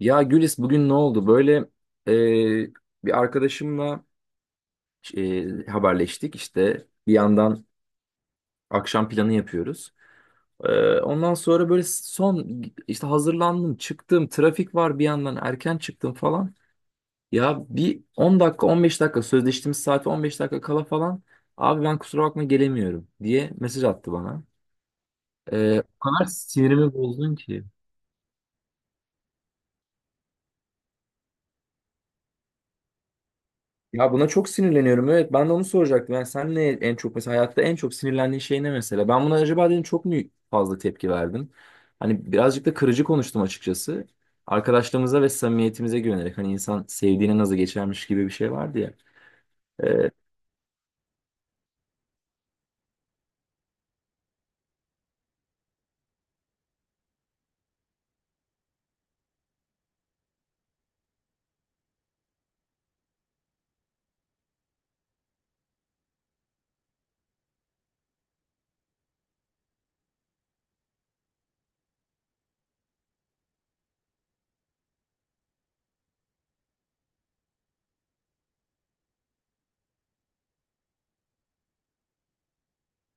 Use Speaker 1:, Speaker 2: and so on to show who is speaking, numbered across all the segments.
Speaker 1: Ya Gülis bugün ne oldu? Böyle bir arkadaşımla haberleştik işte bir yandan akşam planı yapıyoruz. Ondan sonra böyle son işte hazırlandım çıktım trafik var bir yandan erken çıktım falan. Ya bir 10 dakika 15 dakika sözleştiğimiz saate 15 dakika kala falan abi ben kusura bakma gelemiyorum diye mesaj attı bana. O kadar sinirimi bozdun ki. Ya buna çok sinirleniyorum. Evet ben de onu soracaktım. Yani sen ne en çok mesela hayatta en çok sinirlendiğin şey ne mesela? Ben buna acaba dedim çok mu fazla tepki verdim? Hani birazcık da kırıcı konuştum açıkçası. Arkadaşlığımıza ve samimiyetimize güvenerek hani insan sevdiğine nazı geçermiş gibi bir şey vardı ya. Ee,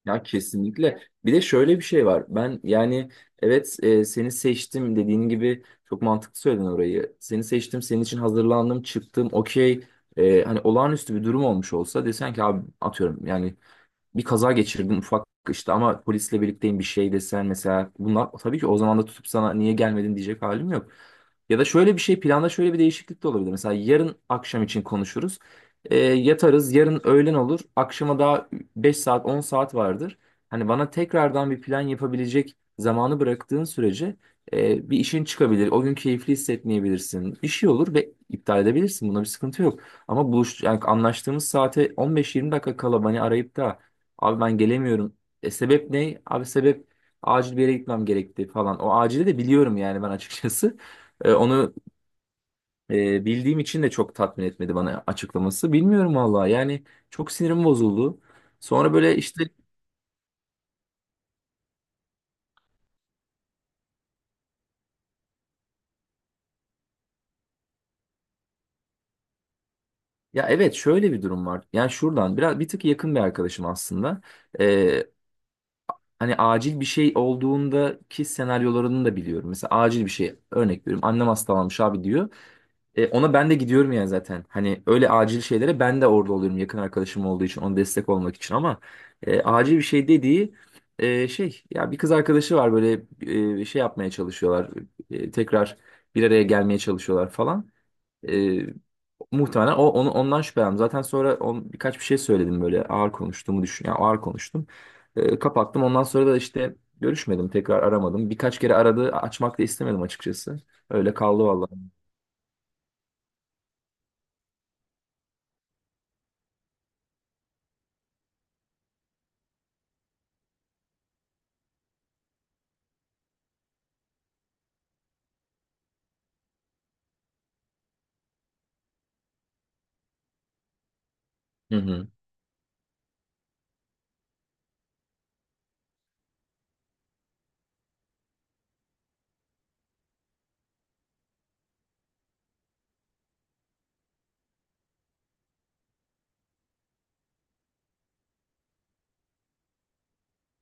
Speaker 1: ya kesinlikle. Bir de şöyle bir şey var. Ben yani evet seni seçtim dediğin gibi çok mantıklı söyledin orayı. Seni seçtim, senin için hazırlandım, çıktım, okey. Hani olağanüstü bir durum olmuş olsa desen ki abi atıyorum yani bir kaza geçirdin ufak işte ama polisle birlikteyim bir şey desen mesela bunlar tabii ki o zaman da tutup sana niye gelmedin diyecek halim yok. Ya da şöyle bir şey planda şöyle bir değişiklik de olabilir. Mesela yarın akşam için konuşuruz. Yatarız yarın öğlen olur. Akşama daha 5 saat 10 saat vardır. Hani bana tekrardan bir plan yapabilecek zamanı bıraktığın sürece bir işin çıkabilir. O gün keyifli hissetmeyebilirsin. Bir şey olur ve iptal edebilirsin. Buna bir sıkıntı yok. Ama buluş yani anlaştığımız saate on beş yirmi dakika kala beni arayıp da abi ben gelemiyorum. E sebep ne? Abi sebep acil bir yere gitmem gerekti falan. O acili de biliyorum yani ben açıkçası. Onu bildiğim için de çok tatmin etmedi bana açıklaması. Bilmiyorum valla yani çok sinirim bozuldu. Sonra böyle işte ya evet şöyle bir durum var. Yani şuradan biraz bir tık yakın bir arkadaşım aslında. E, hani acil bir şey olduğundaki senaryolarını da biliyorum. Mesela acil bir şey örnek veriyorum. Annem hastalanmış abi diyor. Ona ben de gidiyorum yani zaten. Hani öyle acil şeylere ben de orada oluyorum yakın arkadaşım olduğu için, ona destek olmak için ama acil bir şey dediği şey ya bir kız arkadaşı var böyle şey yapmaya çalışıyorlar. Tekrar bir araya gelmeye çalışıyorlar falan. E, muhtemelen o onu ondan şüphelendim. Zaten sonra on, birkaç bir şey söyledim böyle ağır konuştuğumu düşün. Yani ağır konuştum. Kapattım. Ondan sonra da işte görüşmedim, tekrar aramadım. Birkaç kere aradı, açmak da istemedim açıkçası. Öyle kaldı vallahi. Hı hı.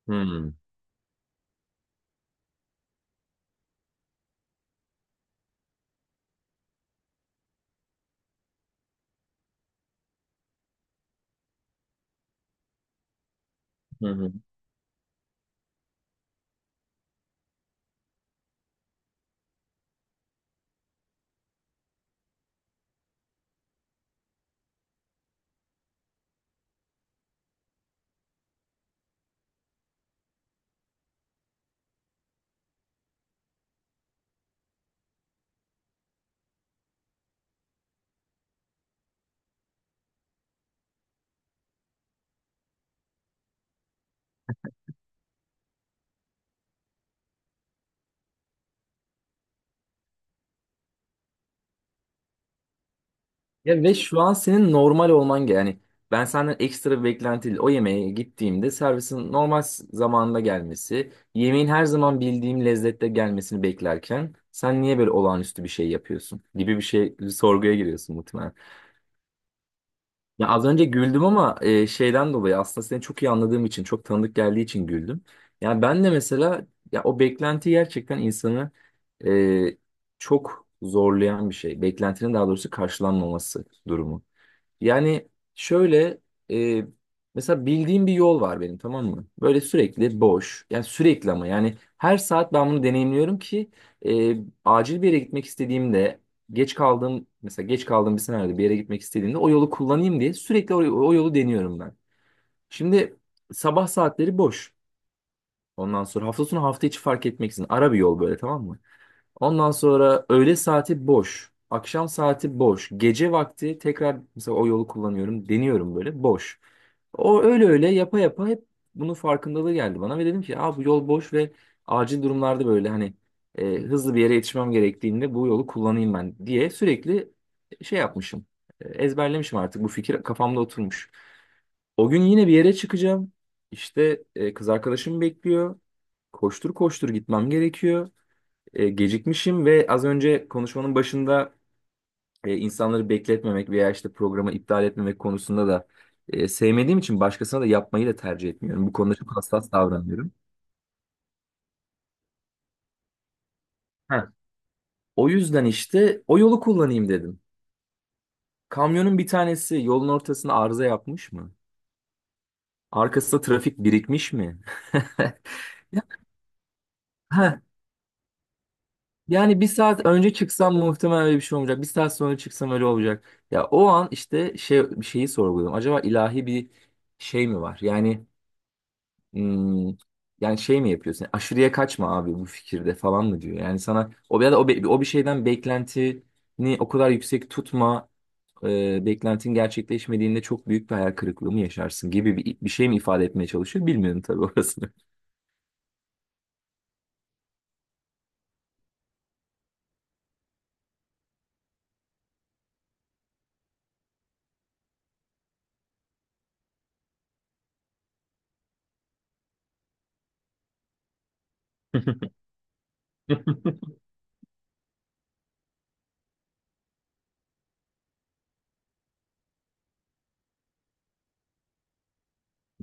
Speaker 1: Hı. Hı hı. Ya ve şu an senin normal olman yani ben senden ekstra bir beklenti değil. O yemeğe gittiğimde servisin normal zamanında gelmesi, yemeğin her zaman bildiğim lezzette gelmesini beklerken sen niye böyle olağanüstü bir şey yapıyorsun gibi bir şey bir sorguya giriyorsun muhtemelen. Ya az önce güldüm ama şeyden dolayı aslında seni çok iyi anladığım için, çok tanıdık geldiği için güldüm. Yani ben de mesela ya o beklenti gerçekten insanı e, çok zorlayan bir şey. Beklentinin daha doğrusu karşılanmaması durumu. Yani şöyle e, mesela bildiğim bir yol var benim, tamam mı? Böyle sürekli boş. Yani sürekli ama yani her saat ben bunu deneyimliyorum ki e, acil bir yere gitmek istediğimde geç kaldığım mesela geç kaldığım bir senaryoda bir yere gitmek istediğimde o yolu kullanayım diye sürekli o yolu deniyorum ben. Şimdi sabah saatleri boş. Ondan sonra hafta sonu hafta içi fark etmeksizin ara bir yol böyle, tamam mı? Ondan sonra öğle saati boş. Akşam saati boş. Gece vakti tekrar mesela o yolu kullanıyorum. Deniyorum böyle boş. O öyle öyle yapa yapa hep bunun farkındalığı geldi bana ve dedim ki aa, bu yol boş ve acil durumlarda böyle hani hızlı bir yere yetişmem gerektiğinde bu yolu kullanayım ben diye sürekli şey yapmışım. Ezberlemişim artık, bu fikir kafamda oturmuş. O gün yine bir yere çıkacağım. İşte kız arkadaşım bekliyor. Koştur koştur gitmem gerekiyor. Gecikmişim ve az önce konuşmanın başında insanları bekletmemek veya işte programı iptal etmemek konusunda da sevmediğim için başkasına da yapmayı da tercih etmiyorum. Bu konuda çok hassas davranıyorum. Heh. O yüzden işte o yolu kullanayım dedim. Kamyonun bir tanesi yolun ortasına arıza yapmış mı? Arkasında trafik birikmiş mi? Ya- heh. Yani bir saat önce çıksam muhtemelen öyle bir şey olmayacak. Bir saat sonra çıksam öyle olacak. Ya o an işte şey bir şeyi sorguluyorum. Acaba ilahi bir şey mi var? Yani hmm, yani şey mi yapıyorsun? Aşırıya kaçma abi bu fikirde falan mı diyor? Yani sana o ya da o bir şeyden beklentini o kadar yüksek tutma. Beklentin gerçekleşmediğinde çok büyük bir hayal kırıklığı mı yaşarsın gibi bir şey mi ifade etmeye çalışıyor? Bilmiyorum tabii orasını.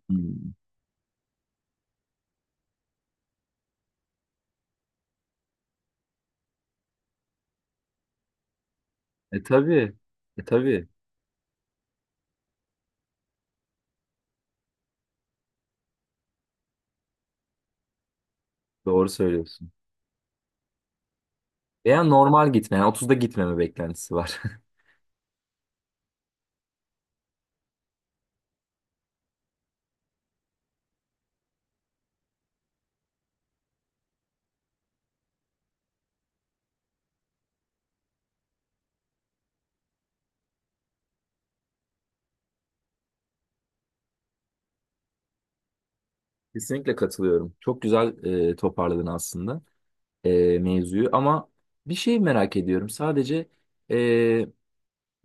Speaker 1: Hmm. E tabii. E tabii. Doğru söylüyorsun. Veya normal gitme. Yani 30'da gitmeme beklentisi var. Kesinlikle katılıyorum. Çok güzel toparladın aslında mevzuyu ama bir şey merak ediyorum. Sadece e,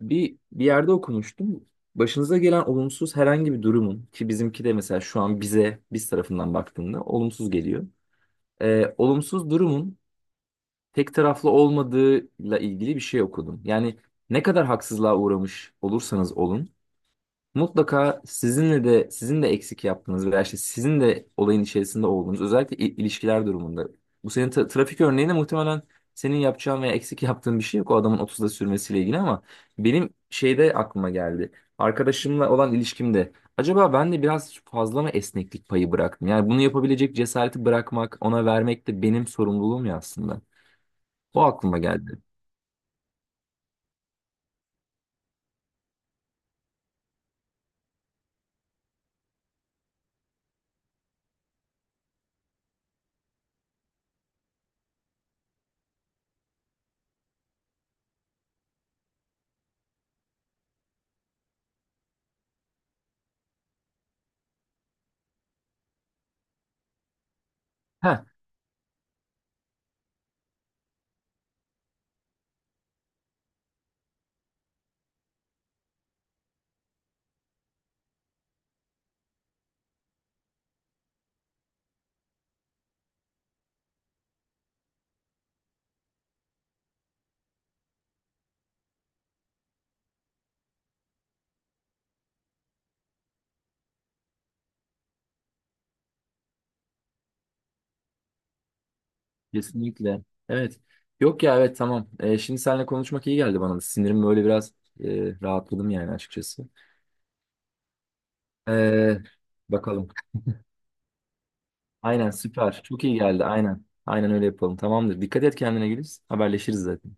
Speaker 1: bir yerde okumuştum. Başınıza gelen olumsuz herhangi bir durumun ki bizimki de mesela şu an bize biz tarafından baktığında olumsuz geliyor. Olumsuz durumun tek taraflı olmadığıyla ilgili bir şey okudum. Yani ne kadar haksızlığa uğramış olursanız olun, mutlaka sizinle de sizin de eksik yaptığınız veya işte sizin de olayın içerisinde olduğunuz özellikle ilişkiler durumunda. Bu senin trafik örneğinde muhtemelen senin yapacağın veya eksik yaptığın bir şey yok o adamın 30'da sürmesiyle ilgili ama benim şeyde aklıma geldi. Arkadaşımla olan ilişkimde acaba ben de biraz fazla mı esneklik payı bıraktım? Yani bunu yapabilecek cesareti bırakmak, ona vermek de benim sorumluluğum ya aslında. O aklıma geldi. Kesinlikle. Evet. Yok ya evet, tamam. Şimdi seninle konuşmak iyi geldi bana da. Sinirim böyle biraz rahatladım yani açıkçası. Ee, bakalım. Aynen süper. Çok iyi geldi. Aynen. Aynen öyle yapalım. Tamamdır. Dikkat et kendine Güliz. Haberleşiriz zaten.